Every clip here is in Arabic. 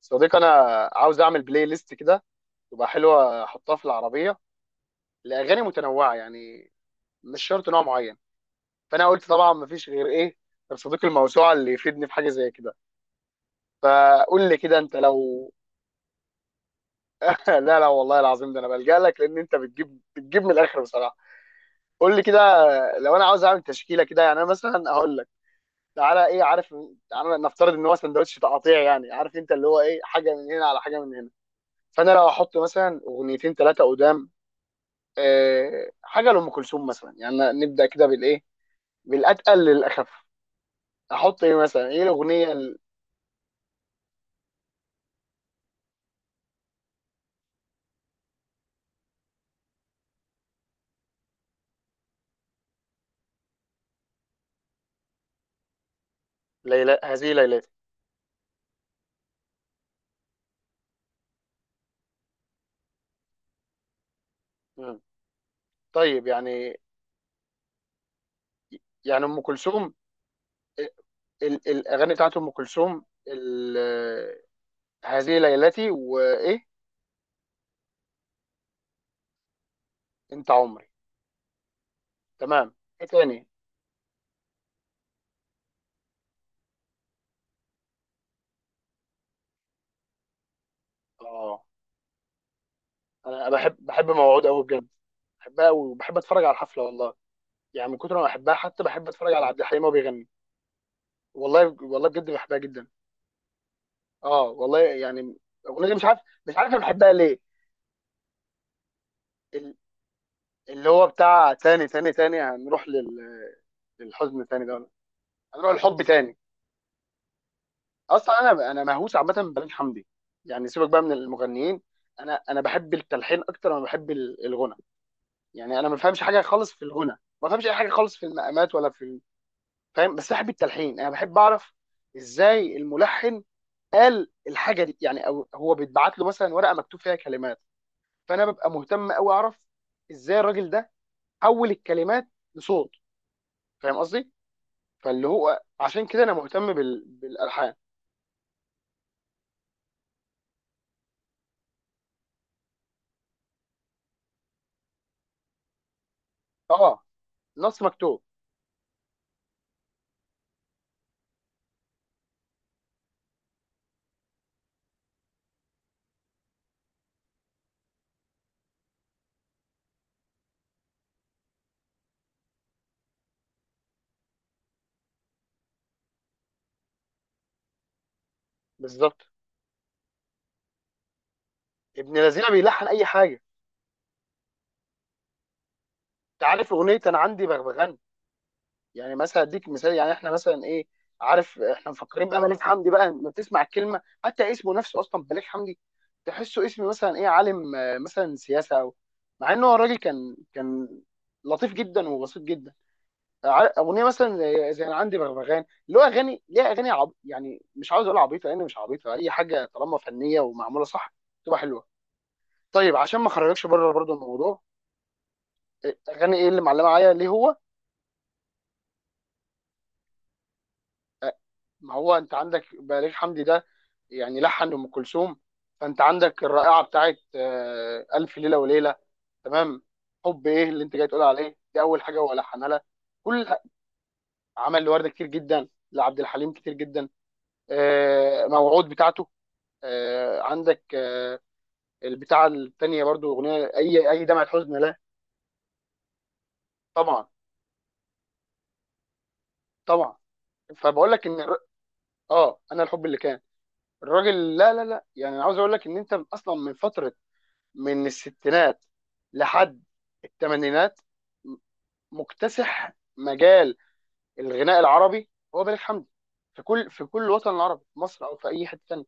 صديقي، انا عاوز اعمل بلاي ليست كده تبقى حلوه احطها في العربيه لاغاني متنوعه، يعني مش شرط نوع معين. فانا قلت طبعا مفيش غير ايه، غير صديقي الموسوعه اللي يفيدني في حاجه زي كده. فقول لي كده، انت لو لا لا والله العظيم، ده انا بلجأ لك لان انت بتجيب من الاخر بصراحه. قول لي كده، لو انا عاوز اعمل تشكيله كده يعني، انا مثلا هقول لك تعالى ايه، عارف، تعالى نفترض ان هو سندوتش تقاطيع، يعني عارف انت اللي هو ايه، حاجه من هنا على حاجه من هنا. فانا لو احط مثلا اغنيتين ثلاثه قدام، حاجه لام كلثوم مثلا يعني، نبدا كده بالايه، بالاتقل للاخف، احط ايه مثلا، ايه الاغنيه ليلى، هذه ليلتي. مم. طيب يعني، يعني ام كلثوم، ال- الاغاني بتاعت ام كلثوم، هذه ليلتي وايه، انت عمري. تمام. ايه تاني؟ اه، انا بحب موعود قوي بجد، بحبها قوي وبحب اتفرج على الحفله والله، يعني من كتر ما بحبها حتى بحب اتفرج على عبد الحليم وهو بيغني. والله والله بجد بحبها جدا. اه والله يعني الاغنيه دي مش عارف، مش عارف انا بحبها ليه. ال- اللي هو بتاع تاني تاني تاني هنروح لل... للحزن تاني ده، ولا هنروح للحب تاني؟ اصلا انا مهووس عامه ببليغ حمدي. يعني سيبك بقى من المغنيين، انا بحب التلحين اكتر ما بحب الغنى. يعني انا ما بفهمش حاجه خالص في الغنى، ما بفهمش اي حاجه خالص في المقامات ولا في فاهم، بس بحب التلحين، انا بحب اعرف ازاي الملحن قال الحاجه دي، يعني او هو بيتبعت له مثلا ورقه مكتوب فيها كلمات، فانا ببقى مهتم قوي اعرف ازاي الراجل ده حول الكلمات لصوت، فاهم قصدي؟ فاللي هو عشان كده انا مهتم بال... بالالحان. اه، نص مكتوب بالظبط. ابن لذينه بيلحن اي حاجه. انت عارف اغنيه انا عندي بغبغان؟ يعني مثلا اديك مثال، يعني احنا مثلا ايه، عارف احنا مفكرين بقى ملك حمدي بقى، لما بتسمع الكلمه حتى اسمه نفسه اصلا ملك حمدي، تحسه اسم مثلا ايه، عالم، مثلا سياسه او، مع انه هو الراجل كان لطيف جدا وبسيط جدا. اغنيه مثلا زي انا عندي بغبغان، اللي هو اغاني ليها اغاني عب... يعني مش عاوز اقول عبيطه لان مش عبيطه، اي حاجه طالما فنيه ومعموله صح تبقى حلوه. طيب عشان ما اخرجكش بره برضو الموضوع، اغاني ايه اللي معلمه معايا ليه هو؟ أه، ما هو انت عندك بليغ حمدي ده يعني لحن ام كلثوم، فانت عندك الرائعه بتاعت الف ليله وليله. تمام. حب ايه اللي انت جاي تقول عليه دي؟ اول حاجه هو لحنها لها. كل عمل لورده كتير جدا، لعبد الحليم كتير جدا. موعود بتاعته. عندك البتاعه الثانيه برضو اغنيه اي اي دمعه حزن لا. طبعا، طبعا، فبقول لك ان اه انا الحب اللي كان، الراجل، لا لا لا يعني، أنا عاوز اقول لك ان انت اصلا من فتره، من الستينات لحد الثمانينات مكتسح مجال الغناء العربي هو بليغ حمدي، في كل وطن عربي، في مصر او في اي حته تانيه.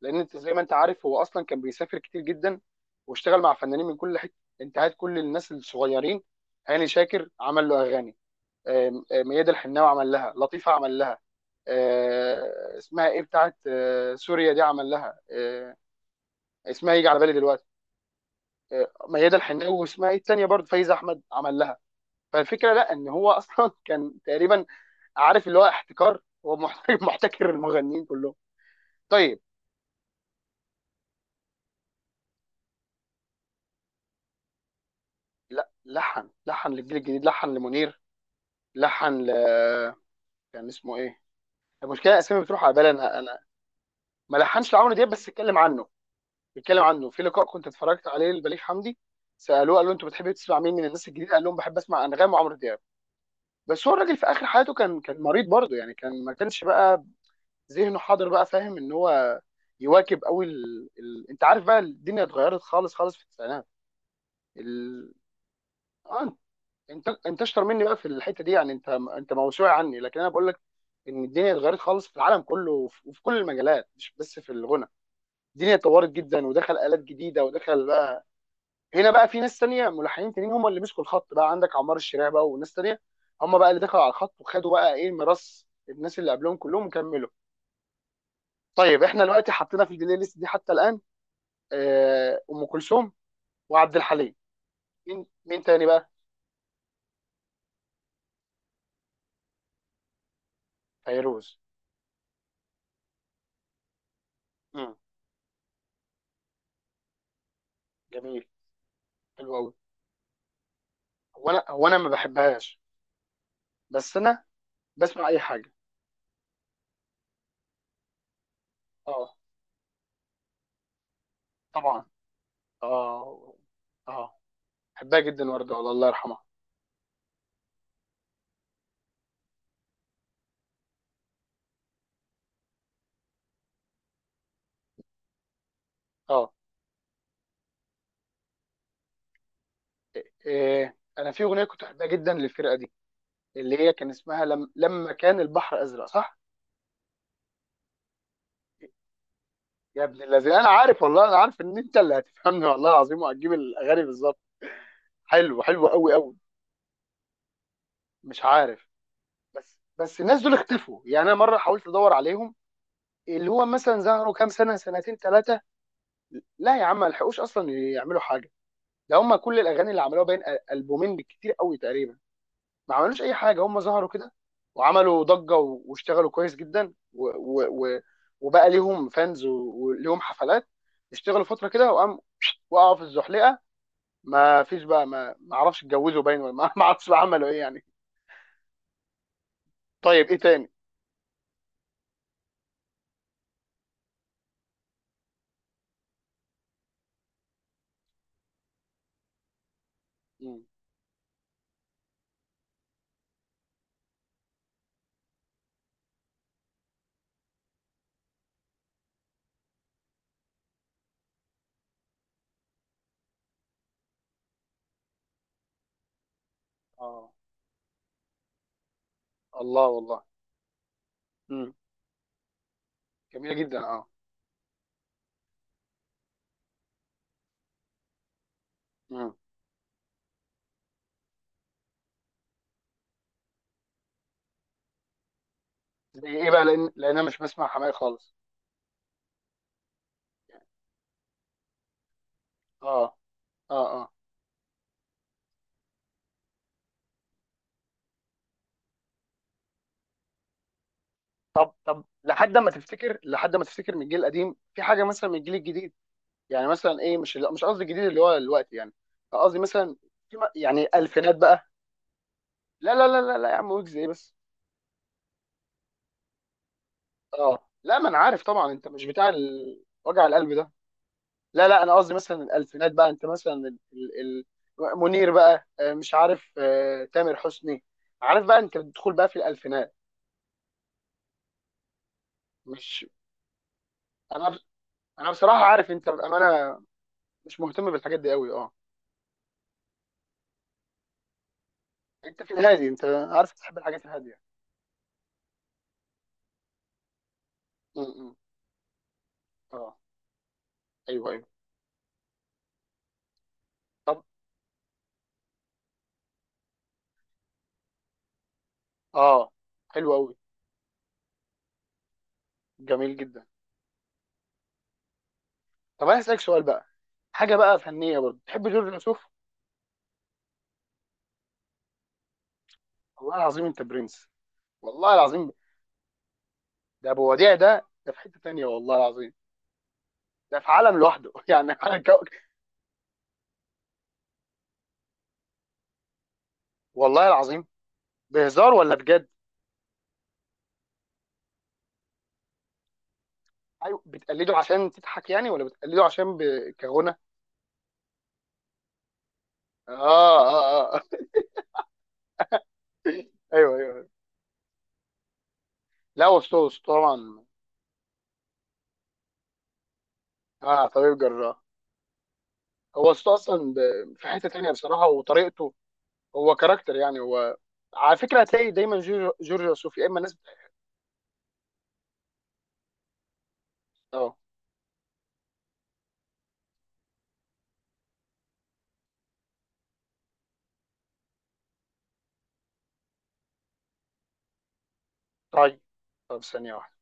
لان انت زي ما انت عارف هو اصلا كان بيسافر كتير جدا، واشتغل مع فنانين من كل حته. انت هات كل الناس الصغيرين، هاني شاكر عمل له اغاني، آم، آم، ميادة الحناوي عمل لها، لطيفه عمل لها، اسمها ايه بتاعت سوريا دي عمل لها اسمها يجي على بالي دلوقتي، ميادة الحناوي، واسمها ايه الثانيه برضه، فايزه احمد عمل لها. فالفكره لا، ان هو اصلا كان تقريبا، عارف اللي هو احتكار، هو محتكر المغنيين كلهم. طيب. لا، لحن، لحن للجيل الجديد، لحن لمنير، لحن ل كان اسمه ايه، المشكله الاسامي بتروح على بالي، انا ما لحنش لعمرو دياب بس اتكلم عنه، اتكلم عنه في لقاء كنت اتفرجت عليه لبليغ حمدي، سالوه قال له انتوا بتحبوا تسمع مين من الناس الجديده، قال لهم بحب اسمع انغام وعمرو دياب. بس هو الراجل في اخر حياته كان مريض برضه يعني، ما كانش بقى ذهنه حاضر بقى فاهم ان هو يواكب قوي ال... ال... انت عارف بقى، الدنيا اتغيرت خالص خالص في التسعينات. ال... اه، انت اشطر مني بقى في الحته دي يعني، انت موسوعي عني. لكن انا بقول لك ان الدنيا اتغيرت خالص في العالم كله، وفي كل المجالات مش بس في الغنى، الدنيا اتطورت جدا، ودخل آلات جديدة، ودخل بقى هنا بقى في ناس تانية، ملحنين تانيين هم اللي مسكوا الخط بقى، عندك عمار الشريع بقى وناس تانية، هم بقى اللي دخلوا على الخط، وخدوا بقى ايه ميراث الناس اللي قبلهم كلهم كملوا. طيب احنا دلوقتي حطينا في البلاي ليست دي حتى الان ام كلثوم وعبد الحليم. مين مين تاني بقى؟ فيروز. امم جميل، حلو قوي. هو انا، ما بحبهاش، بس انا بسمع اي حاجه. اه طبعا اه اه، بحبها جدا ورده والله، الله يرحمها. اه، إيه. انا في اغنيه كنت بحبها جدا للفرقه دي، اللي هي كان اسمها لم... لما كان البحر ازرق، صح؟ يا ابن الذين انا عارف والله، انا عارف ان انت اللي هتفهمني والله العظيم، وهتجيب الاغاني بالظبط. حلو، حلو قوي قوي. مش عارف. بس بس الناس دول اختفوا يعني، انا مره حاولت ادور عليهم، اللي هو مثلا ظهروا كام سنه، سنتين، ثلاثه. لا يا عم، ما لحقوش اصلا يعملوا حاجه، ده هم كل الاغاني اللي عملوها بين البومين بالكتير قوي تقريبا، ما عملوش اي حاجه، هم ظهروا كده، وعملوا ضجه واشتغلوا كويس جدا، و و و وبقى ليهم فانز وليهم حفلات، اشتغلوا فتره كده وقام وقعوا في الزحلقه، ما فيش بقى، ما اعرفش اتجوزوا باين ولا ما ما اعرفش بقى عملوا ايه يعني. طيب ايه تاني؟ مم. اه الله والله. مم. جميله جدا اه. مم. زي ايه بقى، لان انا مش بسمع حماقي خالص. اه اه اه. طب لحد ما تفتكر، لحد ما تفتكر من الجيل القديم في حاجه، مثلا من الجيل الجديد، يعني مثلا ايه، مش لا، مش قصدي الجديد اللي هو دلوقتي يعني، قصدي مثلا في يعني الفينات بقى. لا لا لا لا لا يا عم، ويجز ايه بس؟ اه لا، ما انا عارف طبعا انت مش بتاع وجع القلب ده. لا لا، انا قصدي مثلا الالفينات بقى، انت مثلا ال... ال... منير بقى، مش عارف، تامر حسني، عارف بقى انت بتدخل بقى في الالفينات. مش انا انا بصراحه عارف، انت انا مش مهتم بالحاجات دي قوي اه. انت في الهادي، انت عارف تحب الحاجات الهاديه. م- م. اه. ايوه ايوه. طب. اه. حلو قوي. جميل جدا. طب انا اسالك سؤال بقى، حاجه بقى فنيه برضه، تحب جورج وسوف؟ والله العظيم انت برنس، والله العظيم. ده ابو وديع، ده في حته تانيه والله العظيم، ده في عالم لوحده يعني على كو... والله العظيم. بهزار ولا بجد؟ ايوه، بتقلده عشان تضحك يعني ولا بتقلده عشان ب... كغنى؟ اه اه اه ايوه ايوه. لا وسوس طبعا. اه طبيب جراح. هو صوته اصلا في حته تانية بصراحه، وطريقته، هو كاركتر يعني، هو على فكره هتلاقي دايما جورج وسوف يا اما ناس. اه. طيب. طب ثانيه واحدة.